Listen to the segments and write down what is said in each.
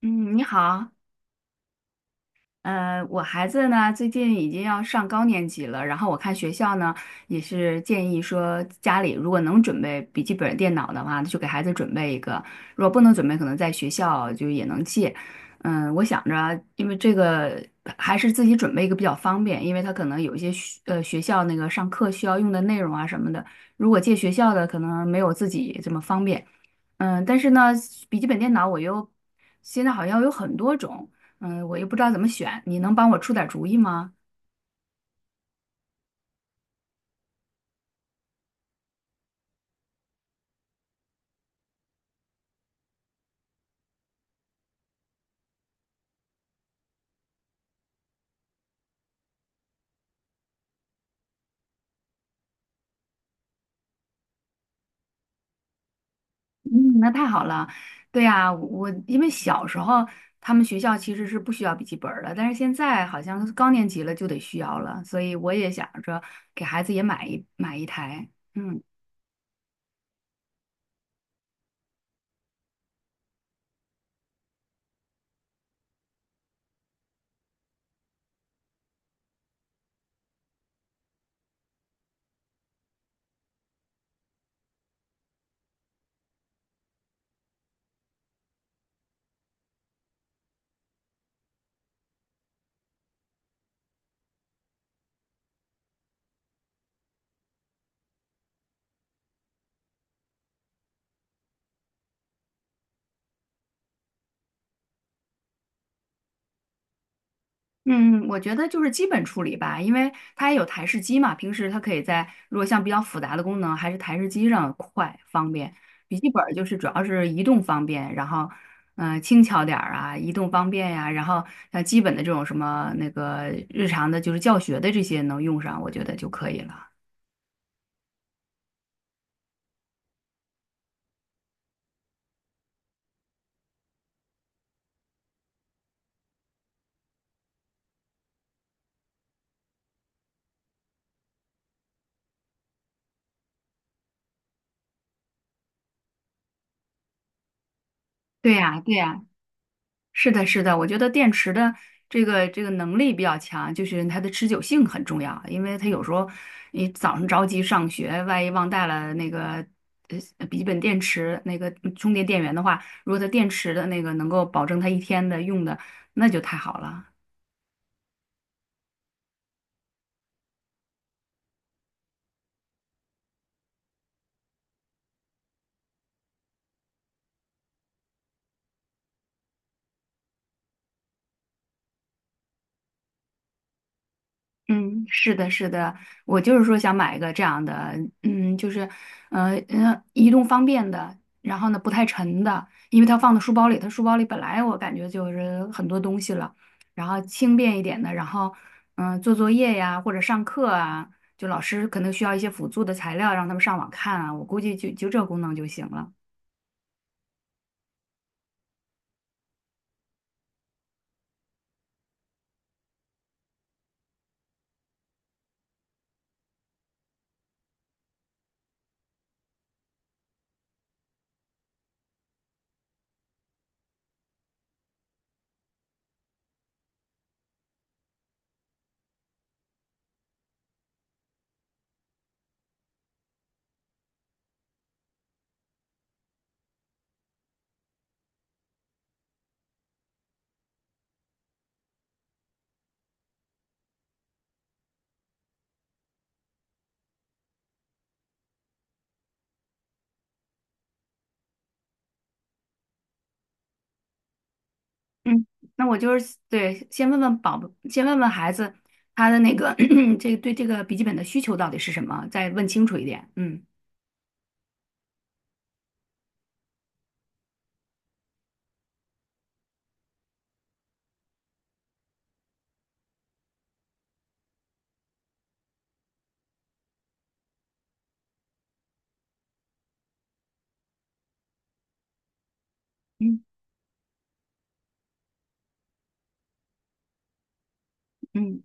嗯，你好，我孩子呢最近已经要上高年级了，然后我看学校呢也是建议说，家里如果能准备笔记本电脑的话，就给孩子准备一个；如果不能准备，可能在学校就也能借。嗯，我想着，因为这个还是自己准备一个比较方便，因为他可能有一些学校那个上课需要用的内容啊什么的，如果借学校的可能没有自己这么方便。嗯，但是呢，笔记本电脑我又现在好像有很多种。嗯，我又不知道怎么选，你能帮我出点儿主意吗？嗯，那太好了。对呀，我因为小时候他们学校其实是不需要笔记本儿的，但是现在好像是高年级了就得需要了，所以我也想着给孩子也买一台。嗯。嗯，我觉得就是基本处理吧，因为它也有台式机嘛，平时它可以在如果像比较复杂的功能，还是台式机上快方便。笔记本儿就是主要是移动方便，然后轻巧点儿啊，移动方便呀、然后像基本的这种什么那个日常的，就是教学的这些能用上，我觉得就可以了。对呀、对呀、是的，是的，我觉得电池的这个能力比较强，就是它的持久性很重要，因为它有时候你早上着急上学，万一忘带了那个笔记本电池那个充电电源的话，如果它电池的那个能够保证它一天的用的，那就太好了。嗯，是的，是的，我就是说想买一个这样的，嗯，就是，移动方便的，然后呢不太沉的，因为它放到书包里，它书包里本来我感觉就是很多东西了，然后轻便一点的，然后，做作业呀或者上课啊，就老师可能需要一些辅助的材料让他们上网看啊，我估计就这功能就行了。嗯，那我就是对，先问问宝宝，先问问孩子他的那个 这个对这个笔记本的需求到底是什么，再问清楚一点。嗯嗯嗯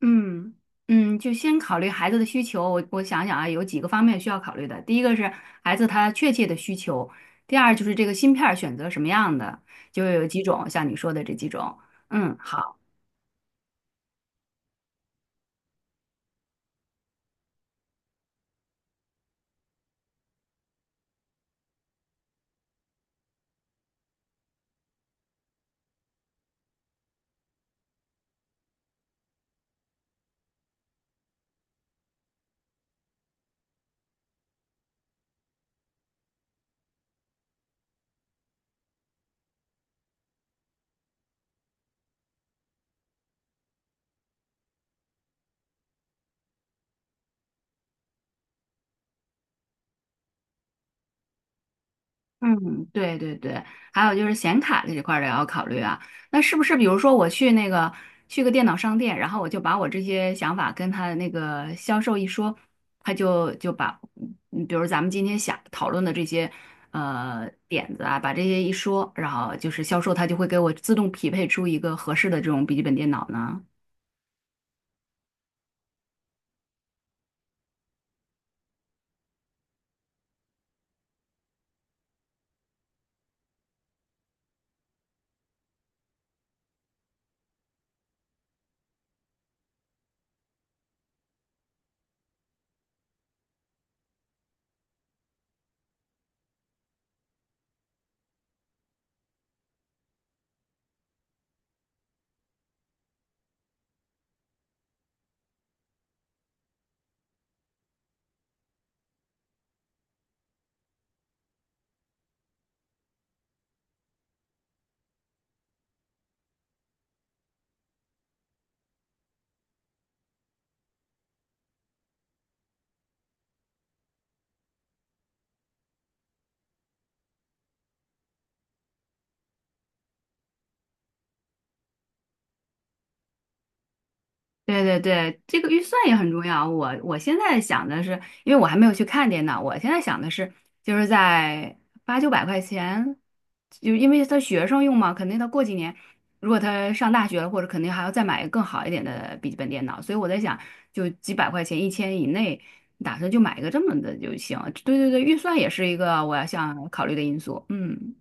嗯嗯，就先考虑孩子的需求。我想想啊，有几个方面需要考虑的。第一个是孩子他确切的需求，第二就是这个芯片儿选择什么样的，就有几种，像你说的这几种。嗯，好。嗯，对对对，还有就是显卡这一块儿也要考虑啊。那是不是比如说我去那个去个电脑商店，然后我就把我这些想法跟他的那个销售一说，他就就把，嗯比如咱们今天想讨论的这些点子啊，把这些一说，然后就是销售他就会给我自动匹配出一个合适的这种笔记本电脑呢？对对对，这个预算也很重要。我现在想的是，因为我还没有去看电脑，我现在想的是，就是在八九百块钱，就因为他学生用嘛，肯定他过几年，如果他上大学了，或者肯定还要再买一个更好一点的笔记本电脑，所以我在想，就几百块钱，一千以内，打算就买一个这么的就行。对对对，预算也是一个我要想考虑的因素。嗯。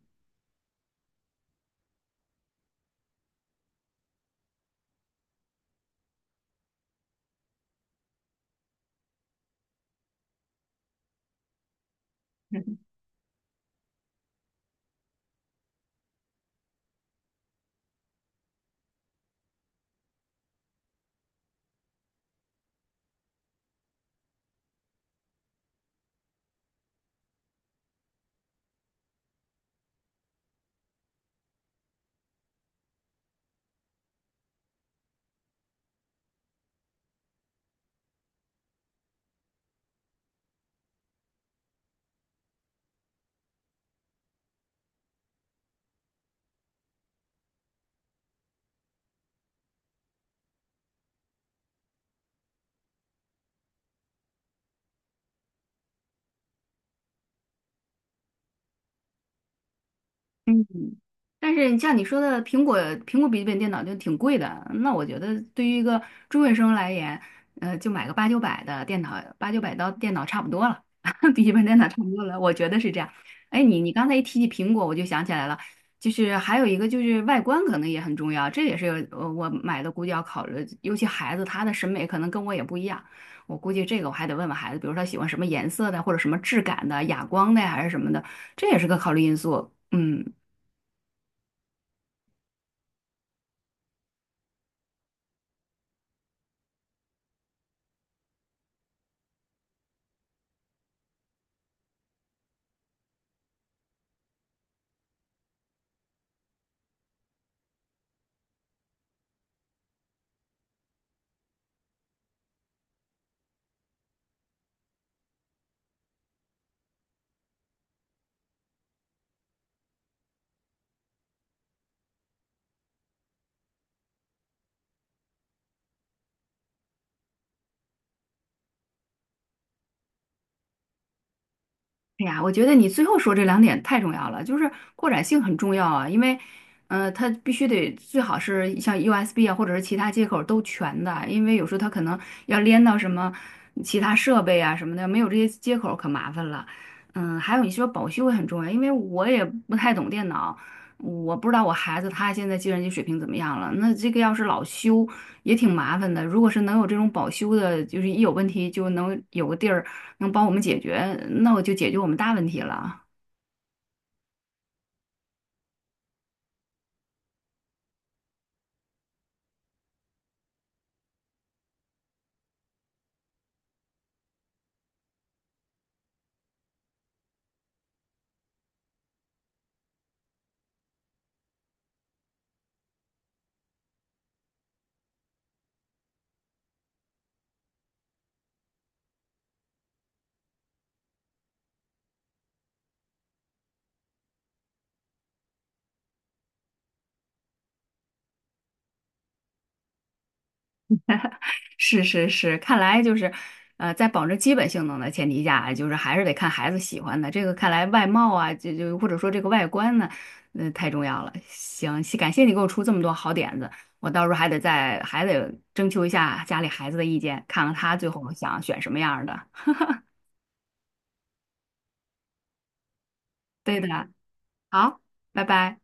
嗯，但是像你说的，苹果笔记本电脑就挺贵的。那我觉得对于一个中学生来言，就买个八九百的电脑，八九百到电脑差不多了，笔记本电脑差不多了，我觉得是这样。哎，你刚才一提起苹果，我就想起来了，就是还有一个就是外观可能也很重要，这也是我买的估计要考虑，尤其孩子他的审美可能跟我也不一样，我估计这个我还得问问孩子，比如说他喜欢什么颜色的，或者什么质感的，哑光的呀还是什么的，这也是个考虑因素。嗯。哎呀，我觉得你最后说这两点太重要了，就是扩展性很重要啊，因为，它必须得最好是像 USB 啊，或者是其他接口都全的，因为有时候它可能要连到什么其他设备啊什么的，没有这些接口可麻烦了。嗯，还有你说保修也很重要，因为我也不太懂电脑，我不知道我孩子他现在计算机水平怎么样了。那这个要是老修也挺麻烦的。如果是能有这种保修的，就是一有问题就能有个地儿能帮我们解决，那我就解决我们大问题了。是是是，看来就是，在保证基本性能的前提下，就是还是得看孩子喜欢的。这个看来外貌啊，就或者说这个外观呢，太重要了。行，感谢你给我出这么多好点子，我到时候还得征求一下家里孩子的意见，看看他最后想选什么样儿的。对的，好，拜拜。